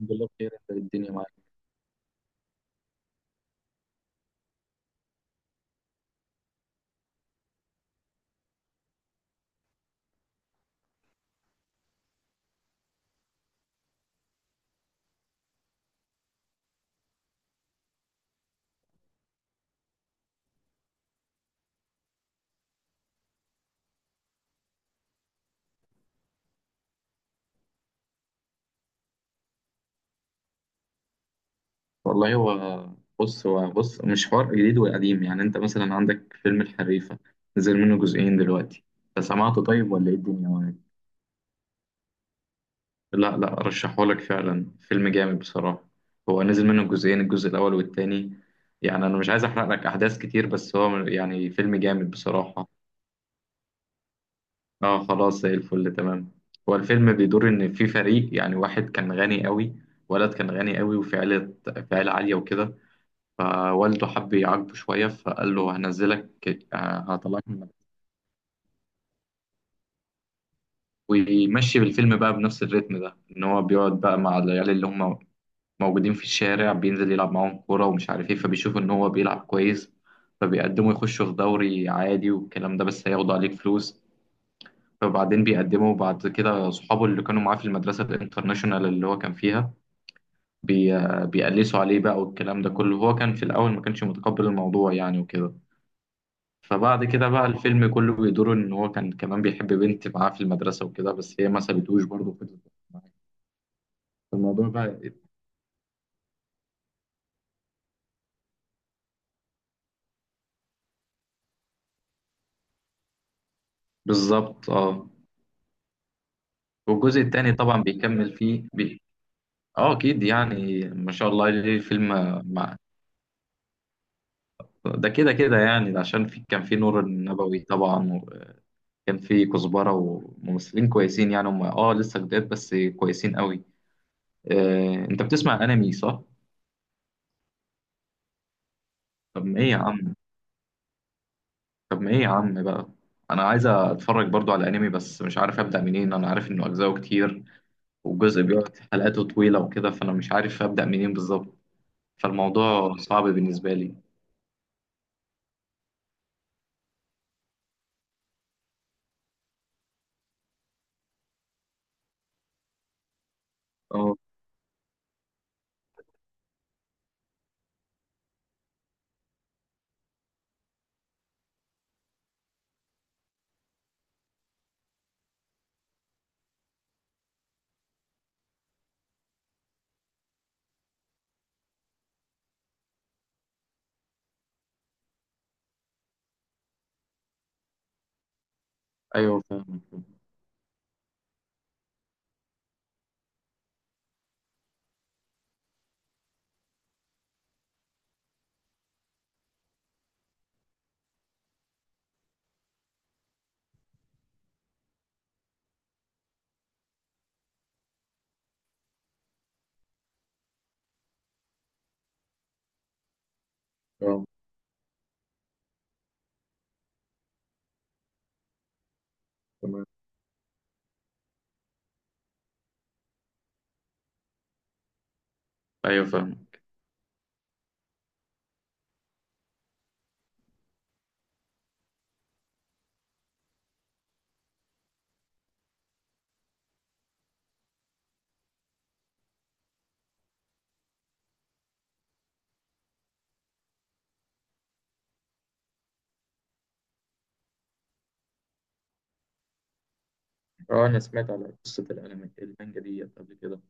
الحمد لله بخير. انت إيه الدنيا معاك؟ والله هو، بص مش حوار جديد وقديم. يعني انت مثلا عندك فيلم الحريفة، نزل منه جزئين دلوقتي. انت سمعته طيب ولا ايه الدنيا معاك؟ لا لا، رشحهولك فعلا، فيلم جامد بصراحة. هو نزل منه جزئين، الجزء الاول والتاني. يعني انا مش عايز احرق لك احداث كتير، بس هو يعني فيلم جامد بصراحة. اه، خلاص زي الفل، تمام. هو الفيلم بيدور ان في فريق، يعني واحد كان غني قوي، ولد كان غني قوي، وفي عيلة، في عيلة عالية وكده. فوالده حب يعاقبه شوية، فقال له هنزلك، آه، هطلعك من المدرسة. ويمشي بالفيلم بقى بنفس الريتم ده، إن هو بيقعد بقى مع العيال اللي هم موجودين في الشارع، بينزل يلعب معاهم كورة ومش عارف إيه. فبيشوفوا إن هو بيلعب كويس، فبيقدموا يخشوا في دوري عادي والكلام ده، بس هياخدوا عليك فلوس. فبعدين بيقدموا بعد كده صحابه اللي كانوا معاه في المدرسة الانترناشونال اللي هو كان فيها، بي... بيقلسوا عليه بقى والكلام ده كله. هو كان في الأول ما كانش متقبل الموضوع يعني وكده. فبعد كده بقى الفيلم كله بيدور ان هو كان كمان بيحب بنت معاه في المدرسة وكده، بس هي ما سابتهوش برضه، فضلت معاه. الموضوع بقى إيه؟ بالظبط اه. والجزء التاني طبعا بيكمل فيه اه اكيد. يعني ما شاء الله ليه الفيلم. مع ده كده كده، يعني ده عشان في كان في نور النبوي طبعا، وكان في كزبرة وممثلين كويسين، يعني هم اه لسه جداد بس كويسين قوي. آه، انت بتسمع انمي صح؟ طب ما ايه يا عم، بقى انا عايز اتفرج برضو على انمي، بس مش عارف ابدا منين. انا عارف انه اجزاءه كتير، والجزء بيقعد حلقاته طويله وكده، فانا مش عارف ابدا منين بالظبط. فالموضوع صعب بالنسبه لي. اه، ايوه فاهمك. اه تمام، ايوه فاهم. اه، انا سمعت على قصه الانمي المانجا دي قبل كده،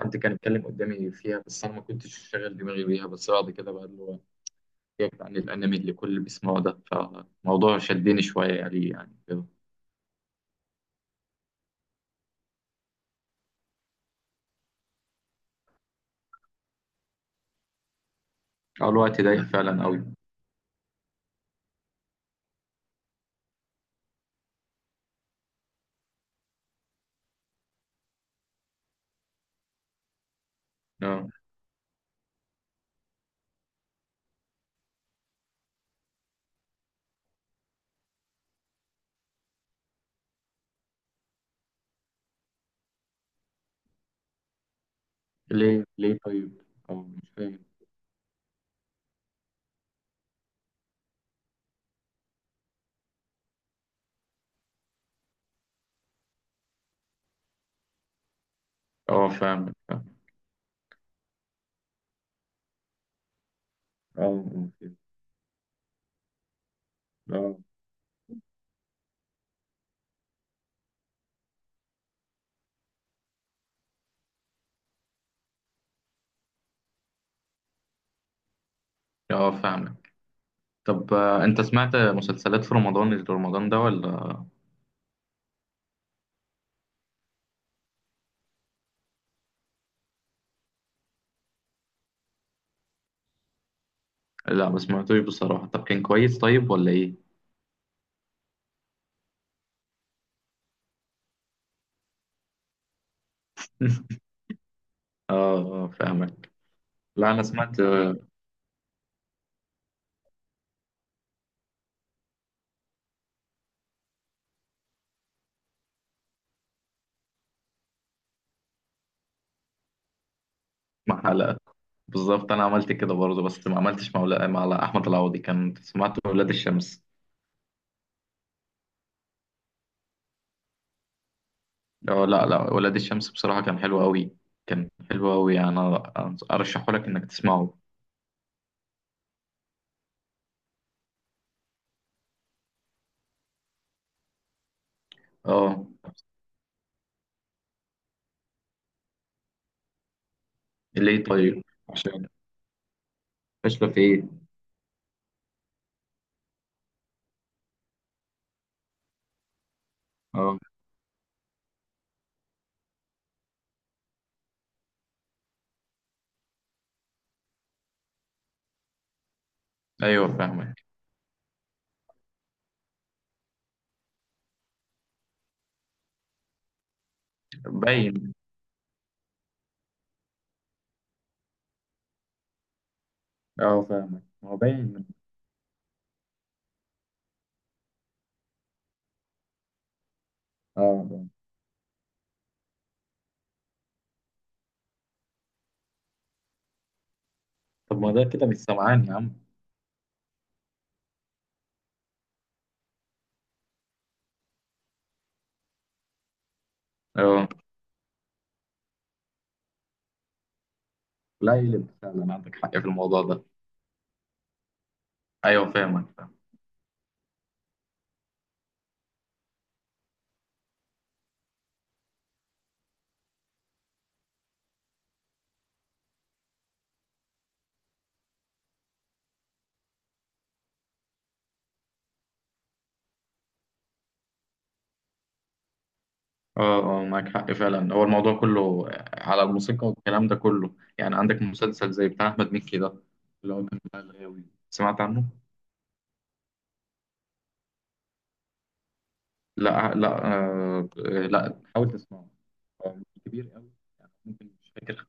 حد كان اتكلم قدامي فيها، بس انا ما كنتش شاغل دماغي بيها. بس بعد كده بقى اللي هو يبعد عن الانمي اللي كل بيسمعه ده، فالموضوع شدني شويه يعني، كده. اه، الوقت ضيق فعلا قوي. اه، ليه طيب؟ أو مش فاهم. اه فاهمك فاهم. اه، فهمت. آه. اه فاهمك. طب، انت سمعت مسلسلات في رمضان اللي رمضان ده ولا؟ لا، ما سمعتوش بصراحة. طب كان كويس طيب ولا ايه؟ اه، اه فاهمك. لا انا سمعت، مع حلقة. بالظبط انا عملت كده برضه، بس ما عملتش مع مع احمد العوضي كان، سمعت ولاد الشمس. اه لا لا، ولاد الشمس بصراحة كان حلو قوي. كان حلو قوي يعني. انا ارشحه لك انك تسمعه. اه ليه طيب؟ عشان فاشلة في ايه؟ اه، ايوه فاهمك. باين. اه فاهمك، ما هو باين. اه آه. طب ما ده كده مش سمعان يا عم. اه لا، يقلب فعلا، عندك حق في الموضوع ده. ايوه فاهمك فاهم. اه اه، معاك حق فعلا. هو الموضوع كله على الموسيقى والكلام ده كله. يعني عندك مسلسل زي بتاع احمد مكي ده، اللي هو كان بتاع الغاوي، سمعت عنه؟ لا لا، آه، لا حاول تسمعه. هو مش كبير قوي، يعني ممكن، مش فاكر.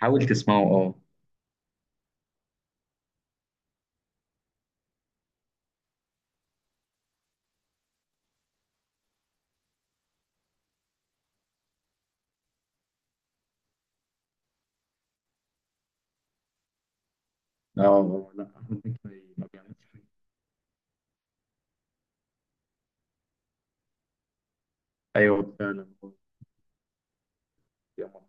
حاول تسمعه اه. اه لا، احمد مكي ما بيعملش حاجة. ايوه فعلا هو بيعمل حاجة.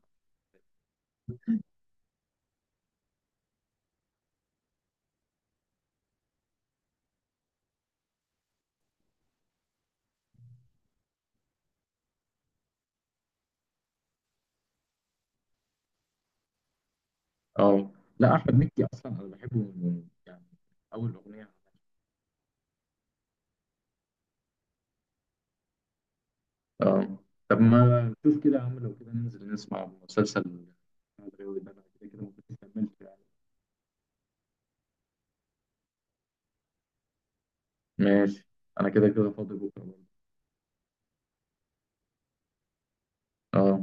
اه لا، احمد مكي اصلا انا بحبه يعني اول اغنيه. اه طب ما شوف كده يا عم، لو كده ننزل نسمع مسلسل الغاوي ده، انا كده كده ما كنتش كملت يعني. ماشي، انا كده كده فاضي بكره برضه. اه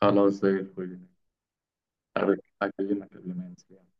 خلاص زي الفل. هكلمك قبل ما انسى يعني.